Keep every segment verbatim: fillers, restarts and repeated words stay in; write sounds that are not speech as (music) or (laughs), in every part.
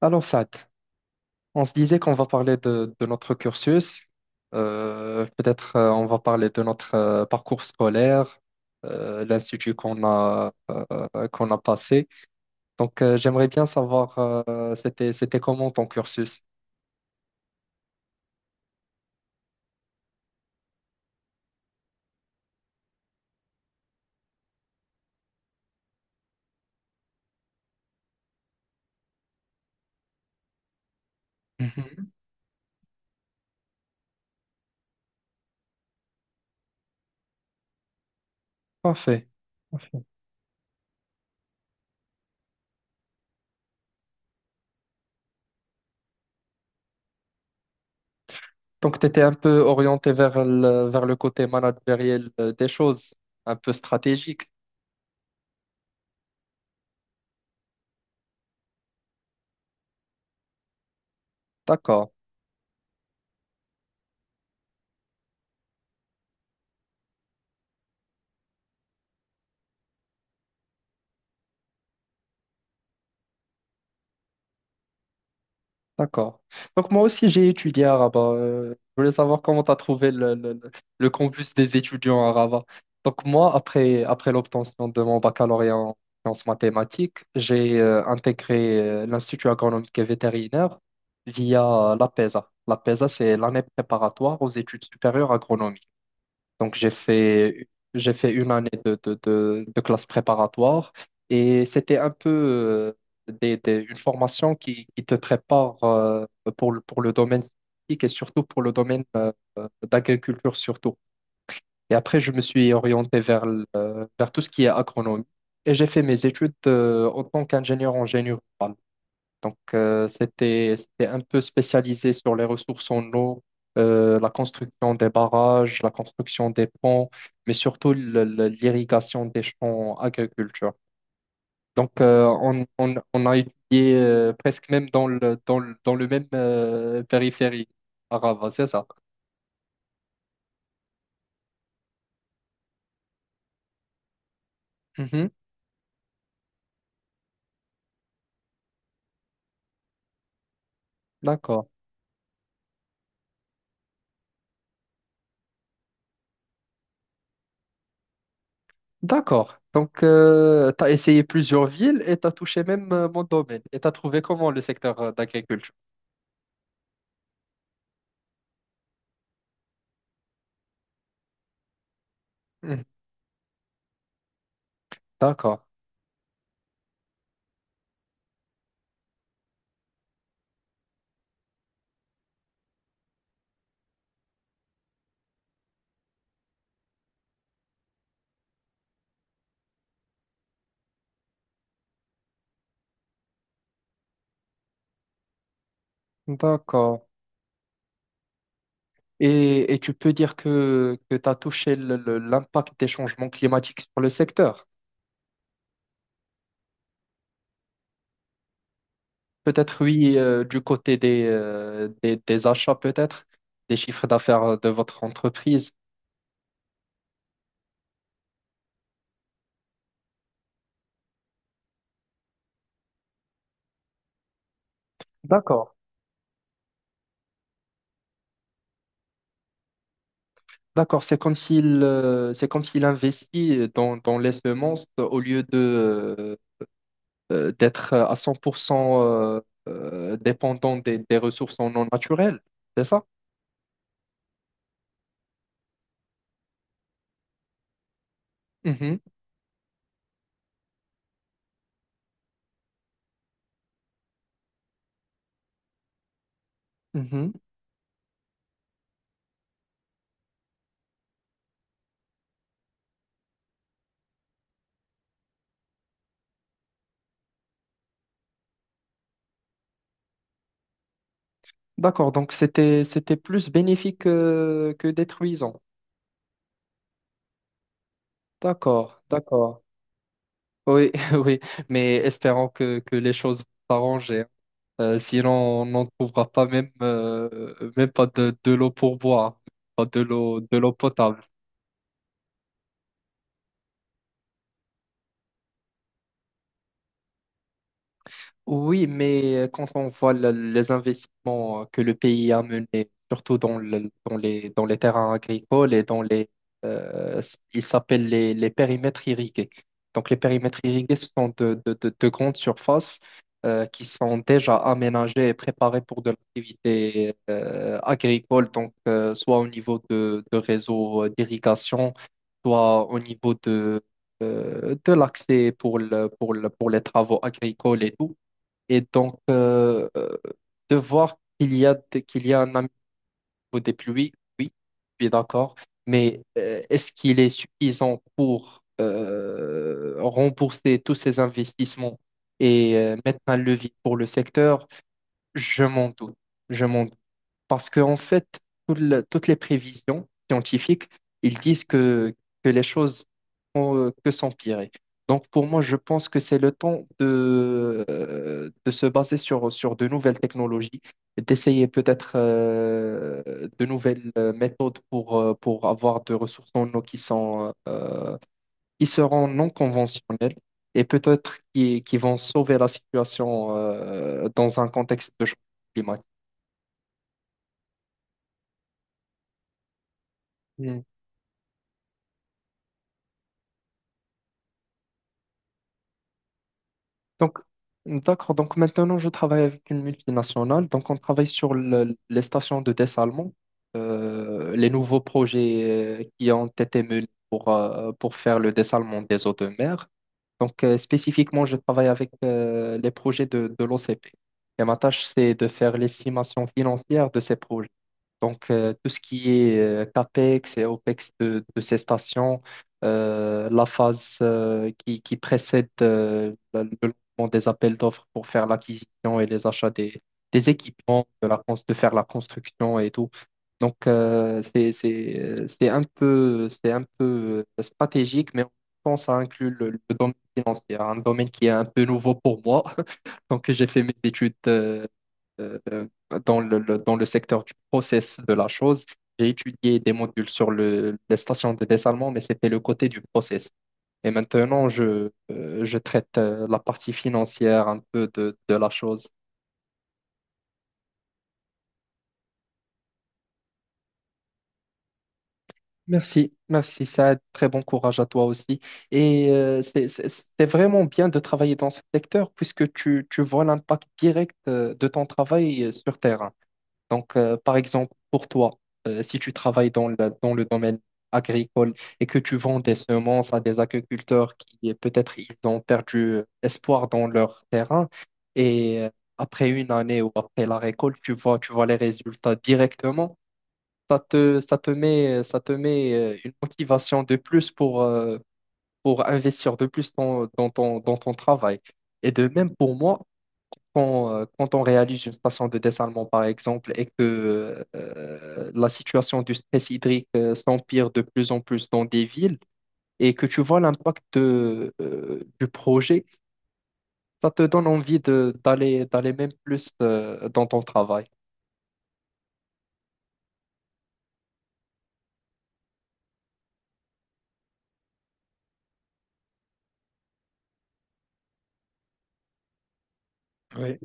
Alors, Saad, on se disait qu'on va parler de, de notre cursus. Euh, peut-être euh, on va parler de notre euh, parcours scolaire, euh, l'institut qu'on a, euh, qu'on a passé. Donc, euh, j'aimerais bien savoir, euh, c'était, c'était comment ton cursus? Mhm. Parfait. Parfait. Donc, tu étais un peu orienté vers le, vers le côté managériel euh, des choses, un peu stratégique. D'accord. D'accord. Donc moi aussi j'ai étudié à Rabat. Euh, je voulais savoir comment tu as trouvé le, le, le- le campus des étudiants à Rabat. Donc moi, après, après l'obtention de mon baccalauréat en sciences mathématiques, j'ai euh, intégré euh, l'Institut agronomique et vétérinaire via l'A P E S A. L'A P E S A, c'est l'année préparatoire aux études supérieures agronomiques. Donc, j'ai fait, j'ai fait une année de, de, de, de classe préparatoire et c'était un peu euh, des, des- une formation qui, qui te prépare euh, pour, le- pour le domaine scientifique et surtout pour le domaine euh, euh, d'agriculture surtout. Et après, je me suis orienté vers, le- euh, vers tout ce qui est agronomie et j'ai fait mes études euh, en tant qu'ingénieur en génie rural. Donc, euh, c'était, c'était un peu spécialisé sur les ressources en eau, euh, la construction des barrages, la construction des ponts, mais surtout le- le- l'irrigation des champs agriculture. Donc, euh, on, on- on a étudié euh, presque même dans le, dans le, dans le même euh, périphérie arabe, c'est ça? Mhm. D'accord. D'accord. Donc, tu as essayé plusieurs villes et tu as touché même euh, mon domaine. Et tu as trouvé comment le secteur euh, d'agriculture? Mhm. D'accord. D'accord. Et, et tu peux dire que, que tu as touché le- le- l'impact des changements climatiques sur le secteur. Peut-être oui, euh, du côté des, euh, des, des achats, peut-être, des chiffres d'affaires de votre entreprise. D'accord. D'accord, c'est comme s'il euh, c'est comme s'il investit dans, dans les semences au lieu de euh, d'être à cent pour cent euh, euh, dépendant des, des ressources non naturelles, c'est ça? Mhm, mhm. D'accord, donc c'était c'était plus bénéfique euh, que détruisant. D'accord, d'accord. Oui, (laughs) oui, mais espérons que, que les choses vont s'arranger, hein. Euh, sinon, on n'en trouvera pas même, euh, même pas de, de l'eau pour boire, pas de l'eau, de l'eau potable. Oui, mais euh, quand on voit le- les investissements euh, que le pays a menés, surtout dans, le- dans les, dans les terrains agricoles et dans les, euh, s- ils s'appellent les, les périmètres irrigués. Donc les périmètres irrigués ce sont de, de- de- de grandes surfaces euh, qui sont déjà aménagées et préparées pour de l'activité euh, agricole, donc euh, soit au niveau de, de réseaux euh, d'irrigation, soit au niveau de, euh, de l'accès pour le- pour le- pour les travaux agricoles et tout. Et donc, euh, euh, de voir qu'il y a, de- qu'il y a un ami des pluies, oui, oui, je suis d'accord, mais euh, est-ce qu'il est suffisant pour euh, rembourser tous ces investissements et euh, mettre un levier pour le secteur? Je m'en doute, je m'en doute. Parce qu'en fait, tout le- toutes les prévisions scientifiques, ils disent que, que les choses font euh, que s'empirer. Donc pour moi, je pense que c'est le temps de, euh, de se baser sur, sur de nouvelles technologies, d'essayer peut-être euh, de nouvelles euh, méthodes pour, euh, pour avoir de ressources en eau qui sont, euh, qui seront non conventionnelles et peut-être qui, qui vont sauver la situation euh, dans un contexte de changement climatique. Donc, d'accord. Donc, maintenant, je travaille avec une multinationale. Donc, on travaille sur le- les stations de dessalement, euh, les nouveaux projets euh, qui ont été menés pour, euh, pour faire le dessalement des eaux de mer. Donc, euh, spécifiquement, je travaille avec euh, les projets de, de l'O C P. Et ma tâche, c'est de faire l'estimation financière de ces projets. Donc, euh, tout ce qui est euh, CAPEX et OPEX de, de ces stations, euh, la phase euh, qui, qui précède euh, le le lancement des appels d'offres pour faire l'acquisition et les achats des, des équipements, de, la, cons- de faire la construction et tout. Donc, euh, c'est, c'est, euh, c'est un peu, c'est un peu euh, stratégique, mais en même temps, ça inclut le, le domaine financier, un domaine qui est un peu nouveau pour moi. (laughs) Donc, j'ai fait mes études euh, euh, dans le, le- dans le secteur du process de la chose. J'ai étudié des modules sur le, les stations de dessalement, mais c'était le côté du process. Et maintenant, je, euh, je traite euh, la partie financière un peu de, de la chose. Merci, merci Saad. Très bon courage à toi aussi. Et euh, c'est c'est- c'est vraiment bien de travailler dans ce secteur puisque tu, tu vois l'impact direct euh, de ton travail euh, sur terrain. Donc, euh, par exemple, pour toi, euh, si tu travailles dans la- dans le domaine agricole et que tu vends des semences à des agriculteurs qui euh, peut-être ils ont perdu euh, espoir dans leur terrain et euh, après une année ou après la récolte, tu vois, tu vois les résultats directement, ça te, ça te met, ça te met euh, une motivation de plus pour, euh, pour investir de plus dans, dans ton, dans ton travail. Et de même pour moi, quand, euh, quand on réalise une station de dessalement, par exemple, et que euh, la situation du stress hydrique euh, s'empire de plus en plus dans des villes, et que tu vois l'impact de, euh, du projet, ça te donne envie de, d'aller, d'aller même plus euh, dans ton travail. Oui.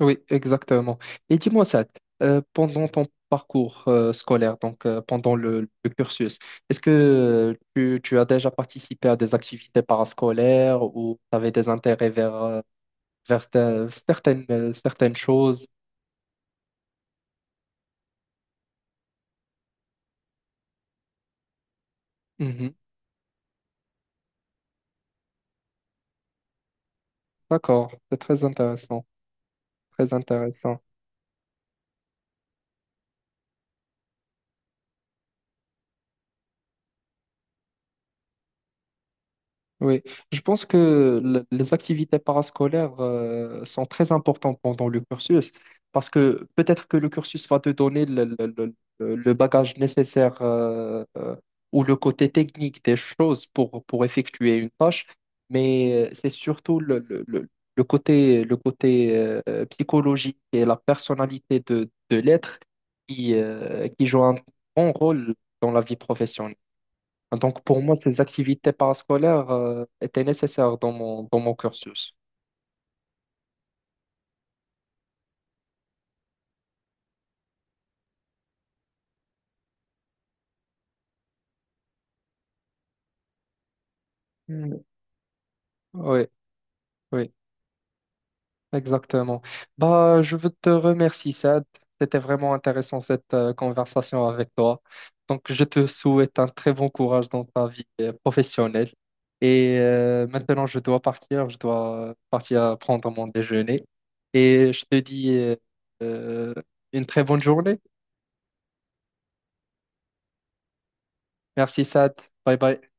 Oui, exactement. Et dis-moi ça, euh, pendant ton parcours euh, scolaire, donc euh, pendant le, le cursus, est-ce que euh, tu, tu as déjà participé à des activités parascolaires ou tu avais des intérêts vers, euh, certain- certaines, euh, certaines choses. Mhm. D'accord, c'est très intéressant, très intéressant. Oui, je pense que le- les activités parascolaires euh, sont très importantes pendant le cursus parce que peut-être que le cursus va te donner le, le- le- le- le bagage nécessaire euh, euh, ou le côté technique des choses pour, pour effectuer une tâche, mais euh, c'est surtout le, le- le- le côté, le côté euh, psychologique et la personnalité de, de l'être qui, euh, qui joue un grand rôle dans la vie professionnelle. Donc, pour moi, ces activités parascolaires euh, étaient nécessaires dans mon, dans mon cursus. Mm. Oui, oui, exactement. Bah, je veux te remercier, Sad. C'était vraiment intéressant cette euh, conversation avec toi. Donc, je te souhaite un très bon courage dans ta vie euh, professionnelle. Et euh, maintenant, je dois partir. Je dois partir prendre mon déjeuner. Et je te dis euh, euh, une très bonne journée. Merci, Sad. Bye bye.